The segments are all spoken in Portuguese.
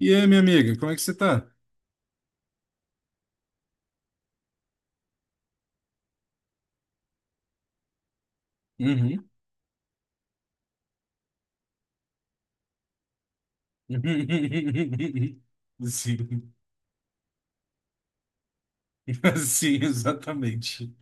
E aí, minha amiga, como é que você tá? Uhum. Sim. Sim, exatamente.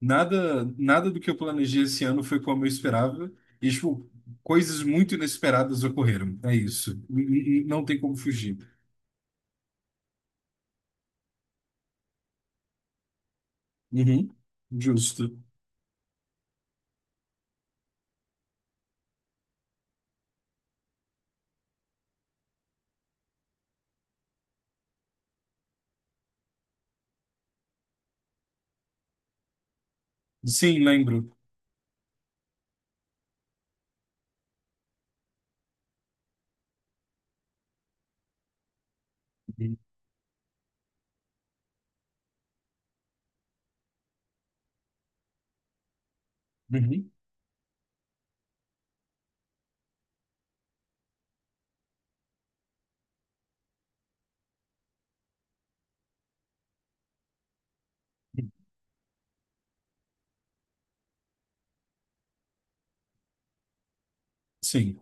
Nada, nada do que eu planejei esse ano foi como eu esperava. E, tipo, coisas muito inesperadas ocorreram. É isso. Não tem como fugir. Uhum. Justo. Sim, lembro. Uhum. Uhum. Sim.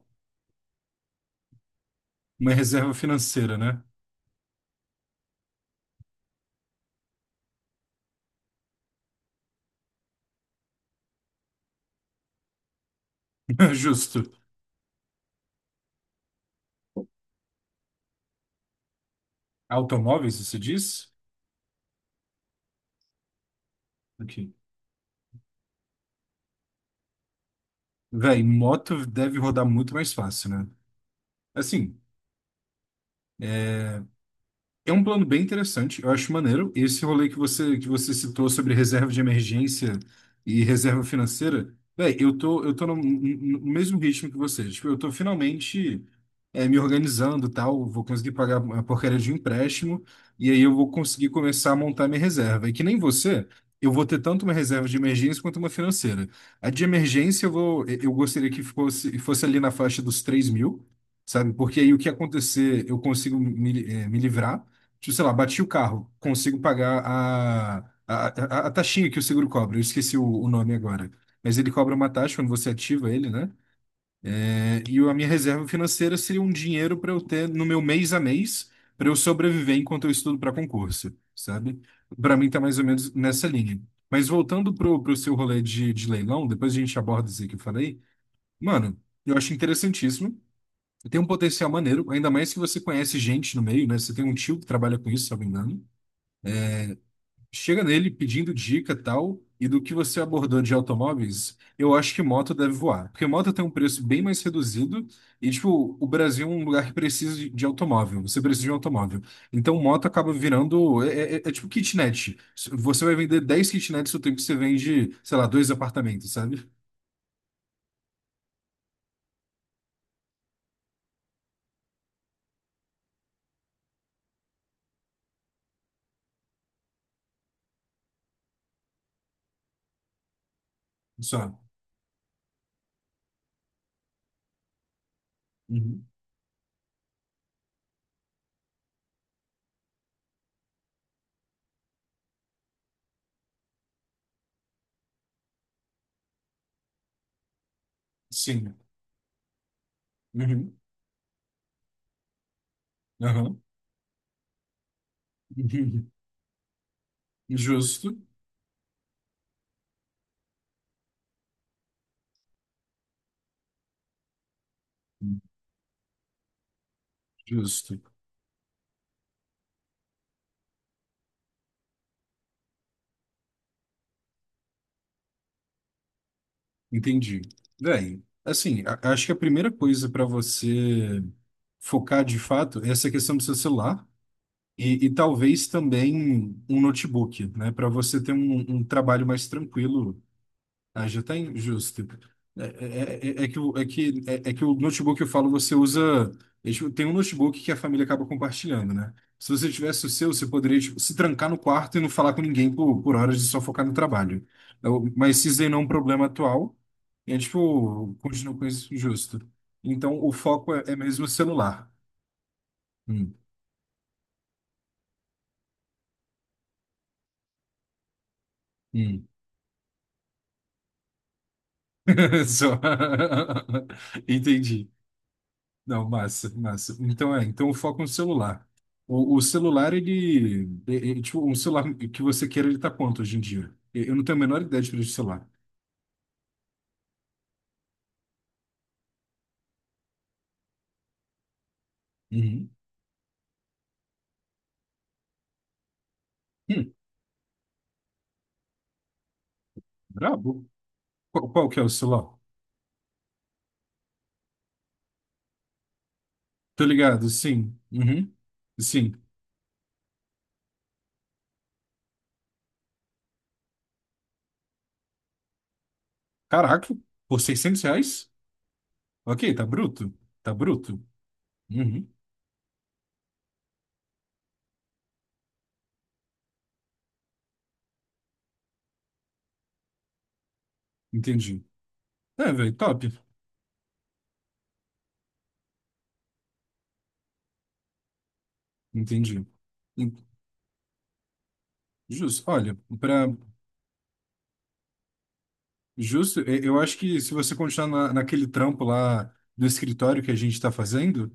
Uma reserva financeira, né? Justo. Automóveis, você diz? Ok. Véi, moto deve rodar muito mais fácil, né? Assim. É um plano bem interessante, eu acho maneiro. Esse rolê que você, citou sobre reserva de emergência e reserva financeira, véi, eu tô no, no mesmo ritmo que você. Tipo, eu tô finalmente me organizando, e tal, vou conseguir pagar a porcaria de um empréstimo e aí eu vou conseguir começar a montar minha reserva. E que nem você, eu vou ter tanto uma reserva de emergência quanto uma financeira. A de emergência eu gostaria que fosse ali na faixa dos 3.000. Sabe? Porque aí o que acontecer, eu consigo me livrar. Tipo, sei lá, bati o carro, consigo pagar a taxinha que o seguro cobra. Eu esqueci o nome agora. Mas ele cobra uma taxa quando você ativa ele, né? É, e a minha reserva financeira seria um dinheiro para eu ter no meu mês a mês, para eu sobreviver enquanto eu estudo para concurso, sabe? Para mim tá mais ou menos nessa linha. Mas voltando pro seu rolê de leilão, depois a gente aborda isso aí que eu falei. Mano, eu acho interessantíssimo. Tem um potencial maneiro, ainda mais que você conhece gente no meio, né? Você tem um tio que trabalha com isso, se eu não me engano. Chega nele pedindo dica tal, e do que você abordou de automóveis, eu acho que moto deve voar. Porque moto tem um preço bem mais reduzido, e tipo, o Brasil é um lugar que precisa de automóvel, você precisa de um automóvel. Então moto acaba virando, é tipo kitnet. Você vai vender 10 kitnets no tempo que você vende, sei lá, dois apartamentos, sabe? Só. Uhum. Sim. Uhum. Aham. Justo. Justo. Entendi. Véi, assim, acho que a primeira coisa para você focar de fato é essa questão do seu celular e talvez também um notebook, né? Para você ter um trabalho mais tranquilo. Ah, já está injusto. É que o notebook que eu falo, você usa. Tem um notebook que a família acaba compartilhando, né? Se você tivesse o seu, você poderia, tipo, se trancar no quarto e não falar com ninguém por horas e só focar no trabalho. Mas se zenou um problema atual, e é tipo, continua com isso justo. Então o foco é mesmo o celular. Hum, hum. Só. Entendi. Não, massa, massa. Então então o foco no celular. O celular, ele, tipo, um celular que você queira, ele tá quanto hoje em dia? Eu não tenho a menor ideia de preço de celular. Uhum. Hum, brabo. Qual que é o celular? Tô ligado, sim. Uhum. Sim. Caraca, por R$ 600? Ok, tá bruto. Tá bruto. Uhum. Entendi. É, velho, top. Entendi. En- Justo. Olha, justo. Eu acho que se você continuar naquele trampo lá do escritório que a gente está fazendo,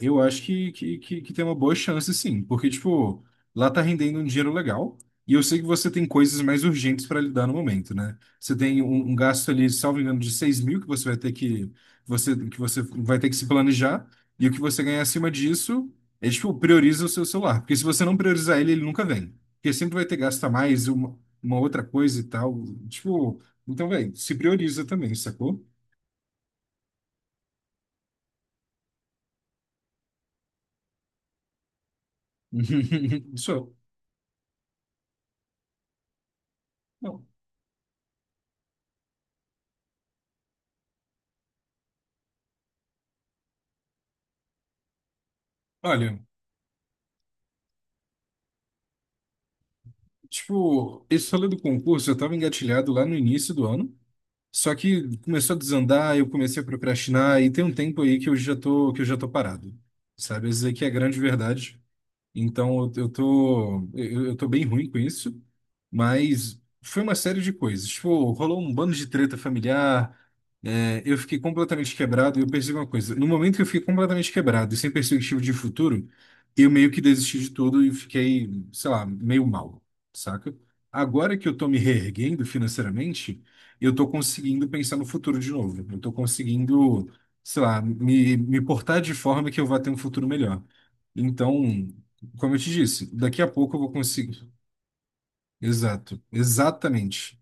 eu acho que tem uma boa chance, sim, porque, tipo, lá tá rendendo um dinheiro legal, e eu sei que você tem coisas mais urgentes para lidar no momento, né? Você tem um gasto ali, salvo engano, de 6.000 que você vai ter que, que você vai ter que se planejar, e o que você ganhar acima disso é, tipo, prioriza o seu celular, porque se você não priorizar ele, ele nunca vem, porque sempre vai ter gasto a mais, uma outra coisa e tal, tipo, então, velho, se prioriza também, sacou? Isso. Não. Olha. Tipo, esse rolê do concurso eu estava engatilhado lá no início do ano, só que começou a desandar, eu comecei a procrastinar e tem um tempo aí que eu já tô parado, sabe? Isso aí que é a grande verdade. Então eu tô bem ruim com isso, mas foi uma série de coisas. Tipo, rolou um bando de treta familiar, eu fiquei completamente quebrado e eu percebi uma coisa. No momento que eu fiquei completamente quebrado e sem perspectiva de futuro, eu meio que desisti de tudo e fiquei, sei lá, meio mal, saca? Agora que eu tô me reerguendo financeiramente, eu tô conseguindo pensar no futuro de novo. Eu tô conseguindo, sei lá, me portar de forma que eu vá ter um futuro melhor. Então, como eu te disse, daqui a pouco eu vou conseguir. Exato, exatamente.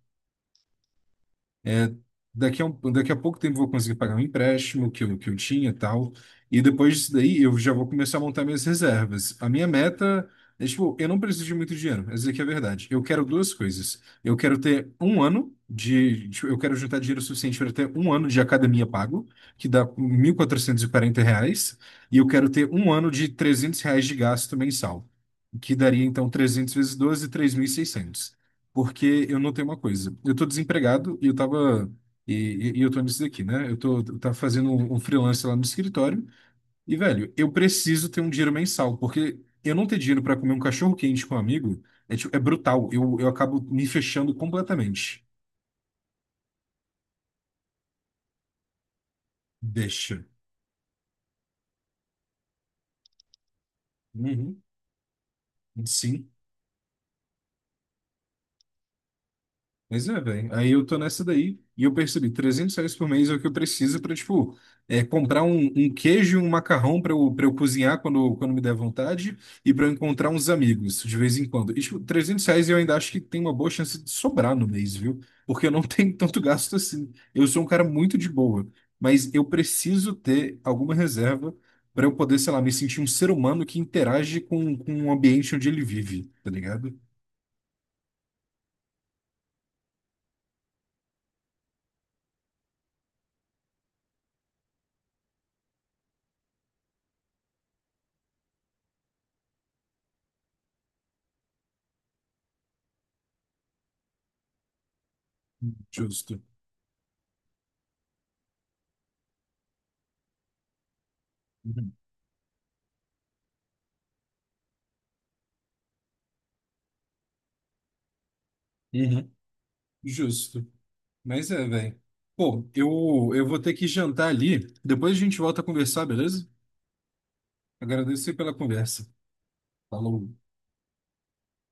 Daqui a pouco tempo eu vou conseguir pagar um empréstimo que eu tinha e tal. E depois disso daí eu já vou começar a montar minhas reservas. A minha meta é, tipo, eu não preciso de muito dinheiro. Essa aqui é a verdade. Eu quero duas coisas. Eu quero ter um ano de. Tipo, eu quero juntar dinheiro suficiente para ter um ano de academia pago, que dá R$ 1.440. E eu quero ter um ano de R$ 300 de gasto mensal, que daria então 300 vezes 12, 600. Porque eu notei uma coisa. Eu tô desempregado e eu tava e, e eu tô nisso daqui, né? Eu tava fazendo um freelance lá no escritório e, velho, eu preciso ter um dinheiro mensal, porque eu não ter dinheiro para comer um cachorro quente com um amigo é, tipo, é brutal. Eu acabo me fechando completamente. Deixa. Uhum. Sim. Pois é, velho. Aí eu tô nessa daí e eu percebi, R$ 300 por mês é o que eu preciso pra, tipo, comprar um queijo e um macarrão pra eu cozinhar quando me der vontade e pra eu encontrar uns amigos de vez em quando. E, tipo, R$ 300 eu ainda acho que tem uma boa chance de sobrar no mês, viu? Porque eu não tenho tanto gasto assim. Eu sou um cara muito de boa, mas eu preciso ter alguma reserva pra eu poder, sei lá, me sentir um ser humano que interage com o ambiente onde ele vive, tá ligado? Justo. Uhum. Uhum. Justo. Mas é, velho. Pô, eu vou ter que jantar ali. Depois a gente volta a conversar, beleza? Agradeço aí pela conversa. Falou.